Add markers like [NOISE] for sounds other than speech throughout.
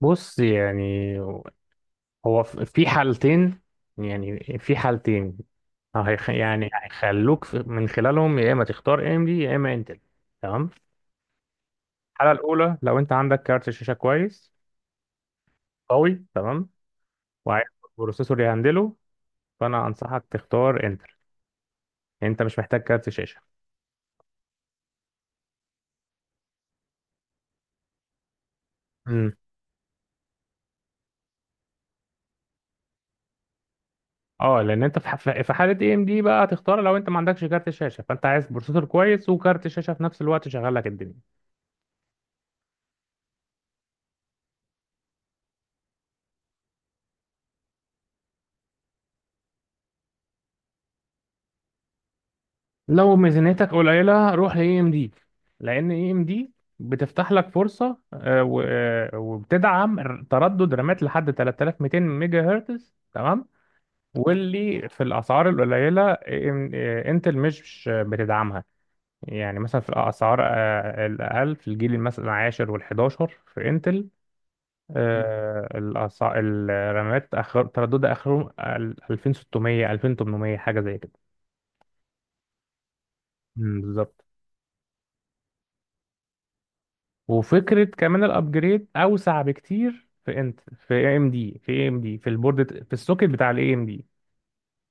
بص، يعني هو في حالتين، يعني في حالتين، يعني هيخلوك من خلالهم يا اما تختار ام دي يا اما انتل. تمام. الحاله الاولى، لو انت عندك كارت شاشه كويس قوي تمام وعايز بروسيسور يهندله، فانا انصحك تختار انتل، انت مش محتاج كارت شاشه. امم، اه، لان انت في حاله اي ام دي بقى هتختار، لو انت ما عندكش كارت شاشه فانت عايز بروسيسور كويس وكارت شاشه في نفس الوقت شغال لك الدنيا. لو ميزانيتك قليلة روح ل AMD، لأن AMD بتفتح لك فرصة وبتدعم تردد رامات لحد 3200 ميجا هرتز. تمام. واللي في الأسعار القليلة انتل مش بتدعمها، يعني مثلا في الأسعار الأقل في الجيل مثلا العاشر والحداشر في انتل، آه، الرامات آخر ترددها آخرهم 2600 2800، حاجة زي كده. مم، بالظبط. وفكره كمان، الابجريد اوسع بكتير في انت، في اي ام دي، في البورد في السوكت بتاع الاي ام دي.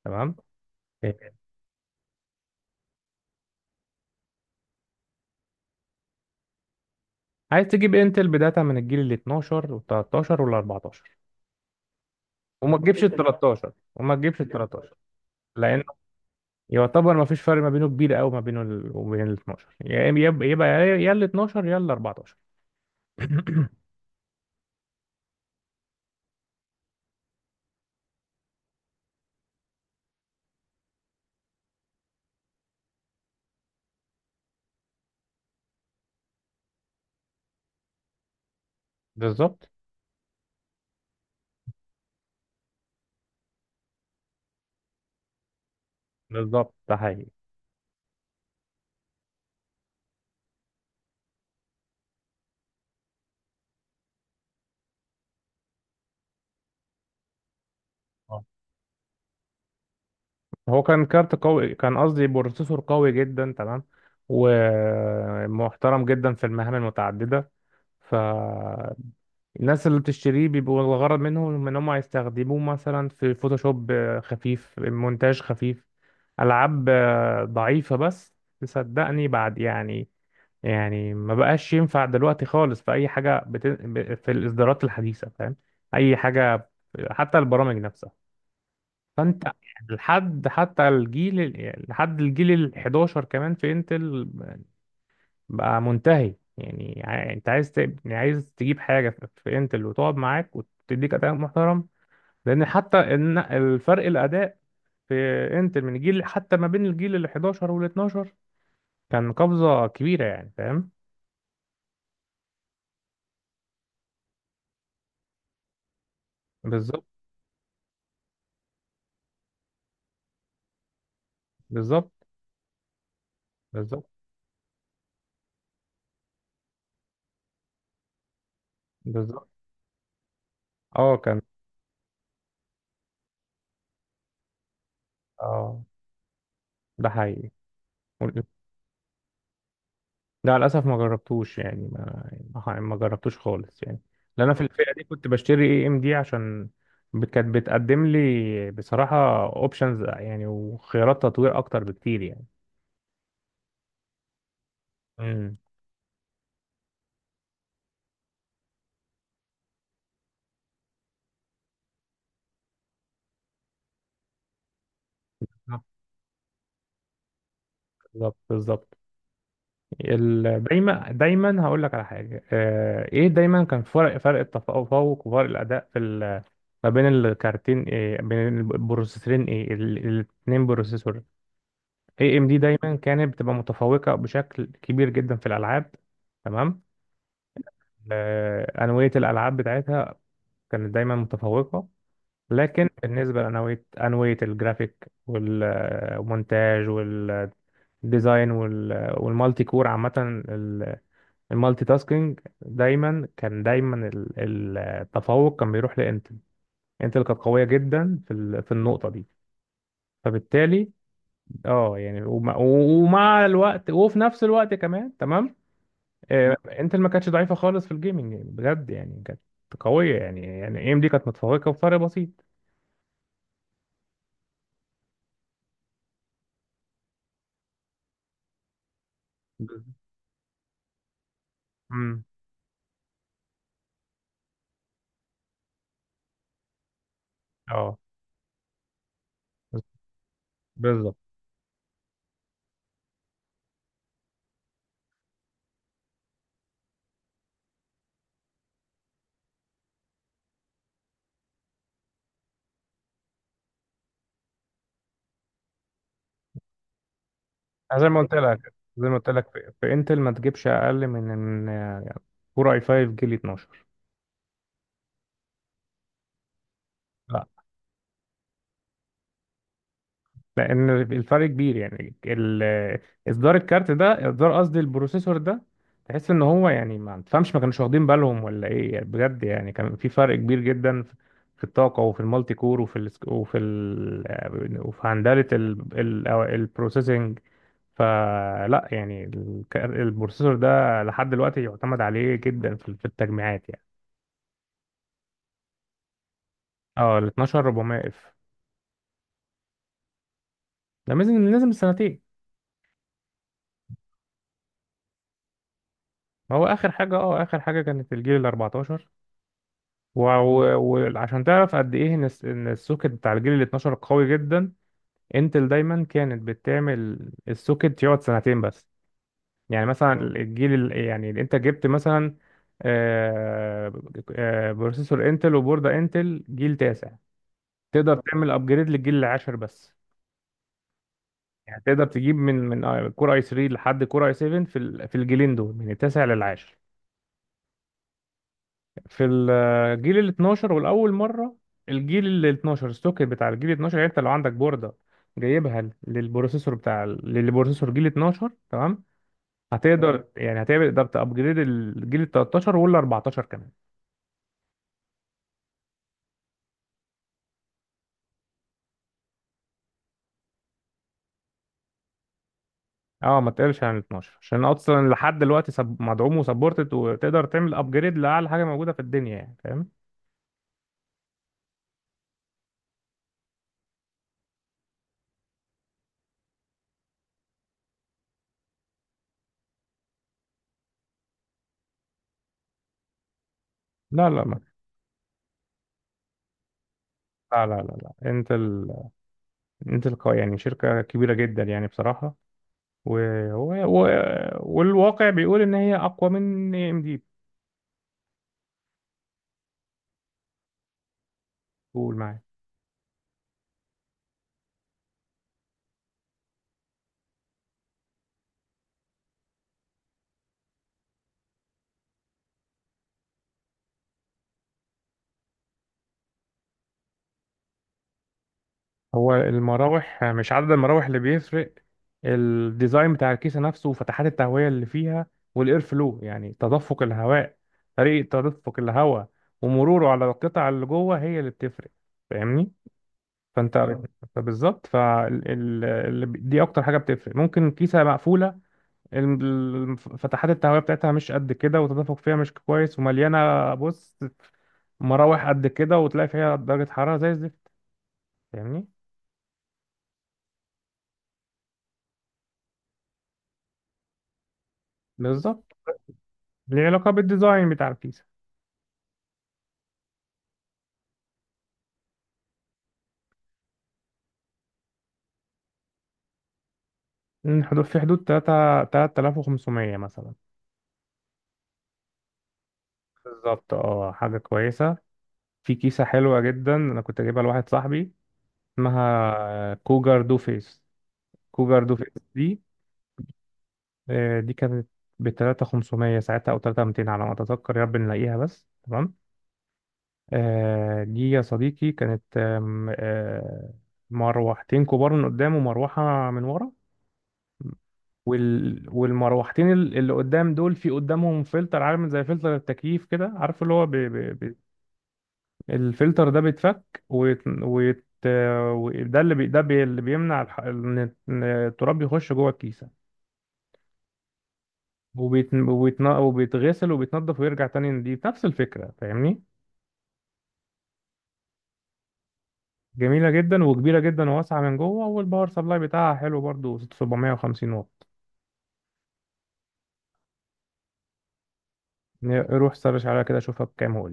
تمام. آه، عايز تجيب انتل بداتا من الجيل ال 12 وال 13 وال 14، وما تجيبش ال 13، لان يعتبر ما فيش فرق ما بينه كبير قوي، ما بينه وبين ال 12، يبقى يا ال 12 يا ال 14. [COUGHS] بالظبط، بالظبط، ده حقيقي. هو كان كارت قوي، كان قصدي بروسيسور قوي جدا تمام، ومحترم جدا في المهام المتعددة، ف الناس اللي بتشتريه بيبقوا الغرض منهم ان هم يستخدموه مثلا في فوتوشوب خفيف، مونتاج خفيف، العاب ضعيفة بس. تصدقني، بعد يعني، يعني ما بقاش ينفع دلوقتي خالص في اي حاجة في الاصدارات الحديثة، فاهم، اي حاجة حتى البرامج نفسها. فانت لحد الجيل ال 11 كمان في انتل بقى منتهي، يعني انت عايز يعني عايز تجيب حاجه في في انتل وتقعد معاك وتديك اداء محترم، لان حتى الفرق الاداء في انتل من جيل، حتى ما بين الجيل ال 11 وال 12 كان قفزه كبيره، يعني فاهم. بالظبط، بالظبط، بالظبط، بالظبط، اه كان، اه، ده حقيقي. لا للاسف ما جربتوش، يعني ما جربتوش خالص يعني، لأن انا في الفئه دي كنت بشتري اي ام دي عشان كانت بتقدم لي بصراحه اوبشنز، يعني وخيارات تطوير اكتر بكتير يعني. امم. بالظبط. بالظبط. دايما دايما هقول لك على حاجه، ايه، دايما كان فرق، التفوق وفرق الاداء ما بين الكارتين، إيه، بين البروسيسورين، ايه، الاتنين بروسيسور. اي ام دي دايما كانت بتبقى متفوقه بشكل كبير جدا في الالعاب، تمام. انويه الالعاب بتاعتها كانت دايما متفوقه، لكن بالنسبه لانويه، الجرافيك والمونتاج والديزاين والمالتي كور عامه، ال- المالتي تاسكينج دايما كان، التفوق كان بيروح لانتل. انتل كانت قويه جدا في النقطه دي، فبالتالي اه يعني، ومع الوقت، وفي نفس الوقت كمان، تمام. انتل ما كانتش ضعيفه خالص في الجيمنج يعني، بجد يعني كانت قويه يعني، اي ام دي كانت متفوقه بفرق بسيط. بالظبط. امم. اه، بالظبط. زي ما قلت لك، في انتل ما تجيبش اقل من ان كور اي 5 جيل 12، لان الفرق كبير، يعني اصدار الكارت ده، اصدار قصدي البروسيسور ده، تحس ان هو، يعني ما تفهمش، ما كانوش واخدين بالهم ولا ايه، يعني بجد يعني كان في فرق كبير جدا في في الطاقه وفي المالتي كور وفي ال، وفي هندله أو البروسيسنج. فلا يعني، البروسيسور ده لحد دلوقتي يعتمد عليه جدا في في التجميعات يعني. اه، ال 12400 اف، ده لازم سنتين. ما هو اخر حاجه، اه، اخر حاجه كانت الجيل ال 14، وعشان تعرف قد ايه ان إن السوكت بتاع الجيل ال 12 قوي جدا، انتل دايما كانت بتعمل السوكت يقعد سنتين بس، يعني مثلا يعني اللي انت جبت مثلا، آه، بروسيسور انتل وبوردة انتل جيل تاسع، تقدر تعمل ابجريد للجيل العاشر بس، يعني تقدر تجيب من كور اي 3 لحد كور اي 7 في الجيلين دول من التاسع للعاشر. في الجيل ال 12 والاول مره، الجيل ال 12، السوكت بتاع الجيل ال 12، يعني انت لو عندك بورده جايبها للبروسيسور للبروسيسور جيل 12، تمام، هتقدر تمام، يعني هتقدر تابجريد الجيل ال 13 وال 14 كمان. اه، ما تقلش عن ال 12، عشان اصلا لحد دلوقتي مدعوم وسبورتد، وتقدر تعمل ابجريد لاعلى حاجه موجوده في الدنيا، يعني فاهم. لا لا ما لا، لا، لا، لا. انت يعني شركه كبيره جدا يعني بصراحه، و... و... و... والواقع بيقول ان هي اقوى من اي ام دي. بتقول معايا. هو المراوح، مش عدد المراوح اللي بيفرق، الديزاين بتاع الكيسه نفسه وفتحات التهويه اللي فيها، والاير فلو، يعني تدفق الهواء، طريقه تدفق الهواء ومروره على القطع اللي جوه، هي اللي بتفرق، فاهمني. فانت اه، فبالظبط، دي اكتر حاجه بتفرق. ممكن كيسه مقفوله فتحات التهويه بتاعتها مش قد كده وتدفق فيها مش كويس، ومليانه، بص، مراوح قد كده، وتلاقي فيها درجة حرارة زي الزفت، فاهمني. بالظبط، ليه علاقة بالديزاين بتاع الكيسة. إن حدود في حدود تلاتة، 3500 مثلا. بالظبط، اه حاجة كويسة، في كيسة حلوة جدا أنا كنت جايبها لواحد صاحبي، اسمها كوجر دو فيس، كوجر دو فيس دي. دي كانت ب 3500 ساعتها، أو 3200 على ما أتذكر، يا رب نلاقيها بس، تمام. دي يا صديقي كانت آم، آه، مروحتين كبار من قدام ومروحة من ورا، والمروحتين اللي قدام دول، في قدامهم فلتر عامل زي فلتر التكييف كده، عارف اللي هو الفلتر ده بيتفك وده اللي بي... ده بي... اللي بيمنع إن التراب يخش جوه الكيسة، وبيتغسل وبيتنضف ويرجع تاني نضيف، نفس الفكرة، فاهمني. جميلة جدا وكبيرة جدا وواسعة من جوه، والباور سبلاي بتاعها حلو برضو 750 واط. روح سرش عليها كده، شوفها بكام هو.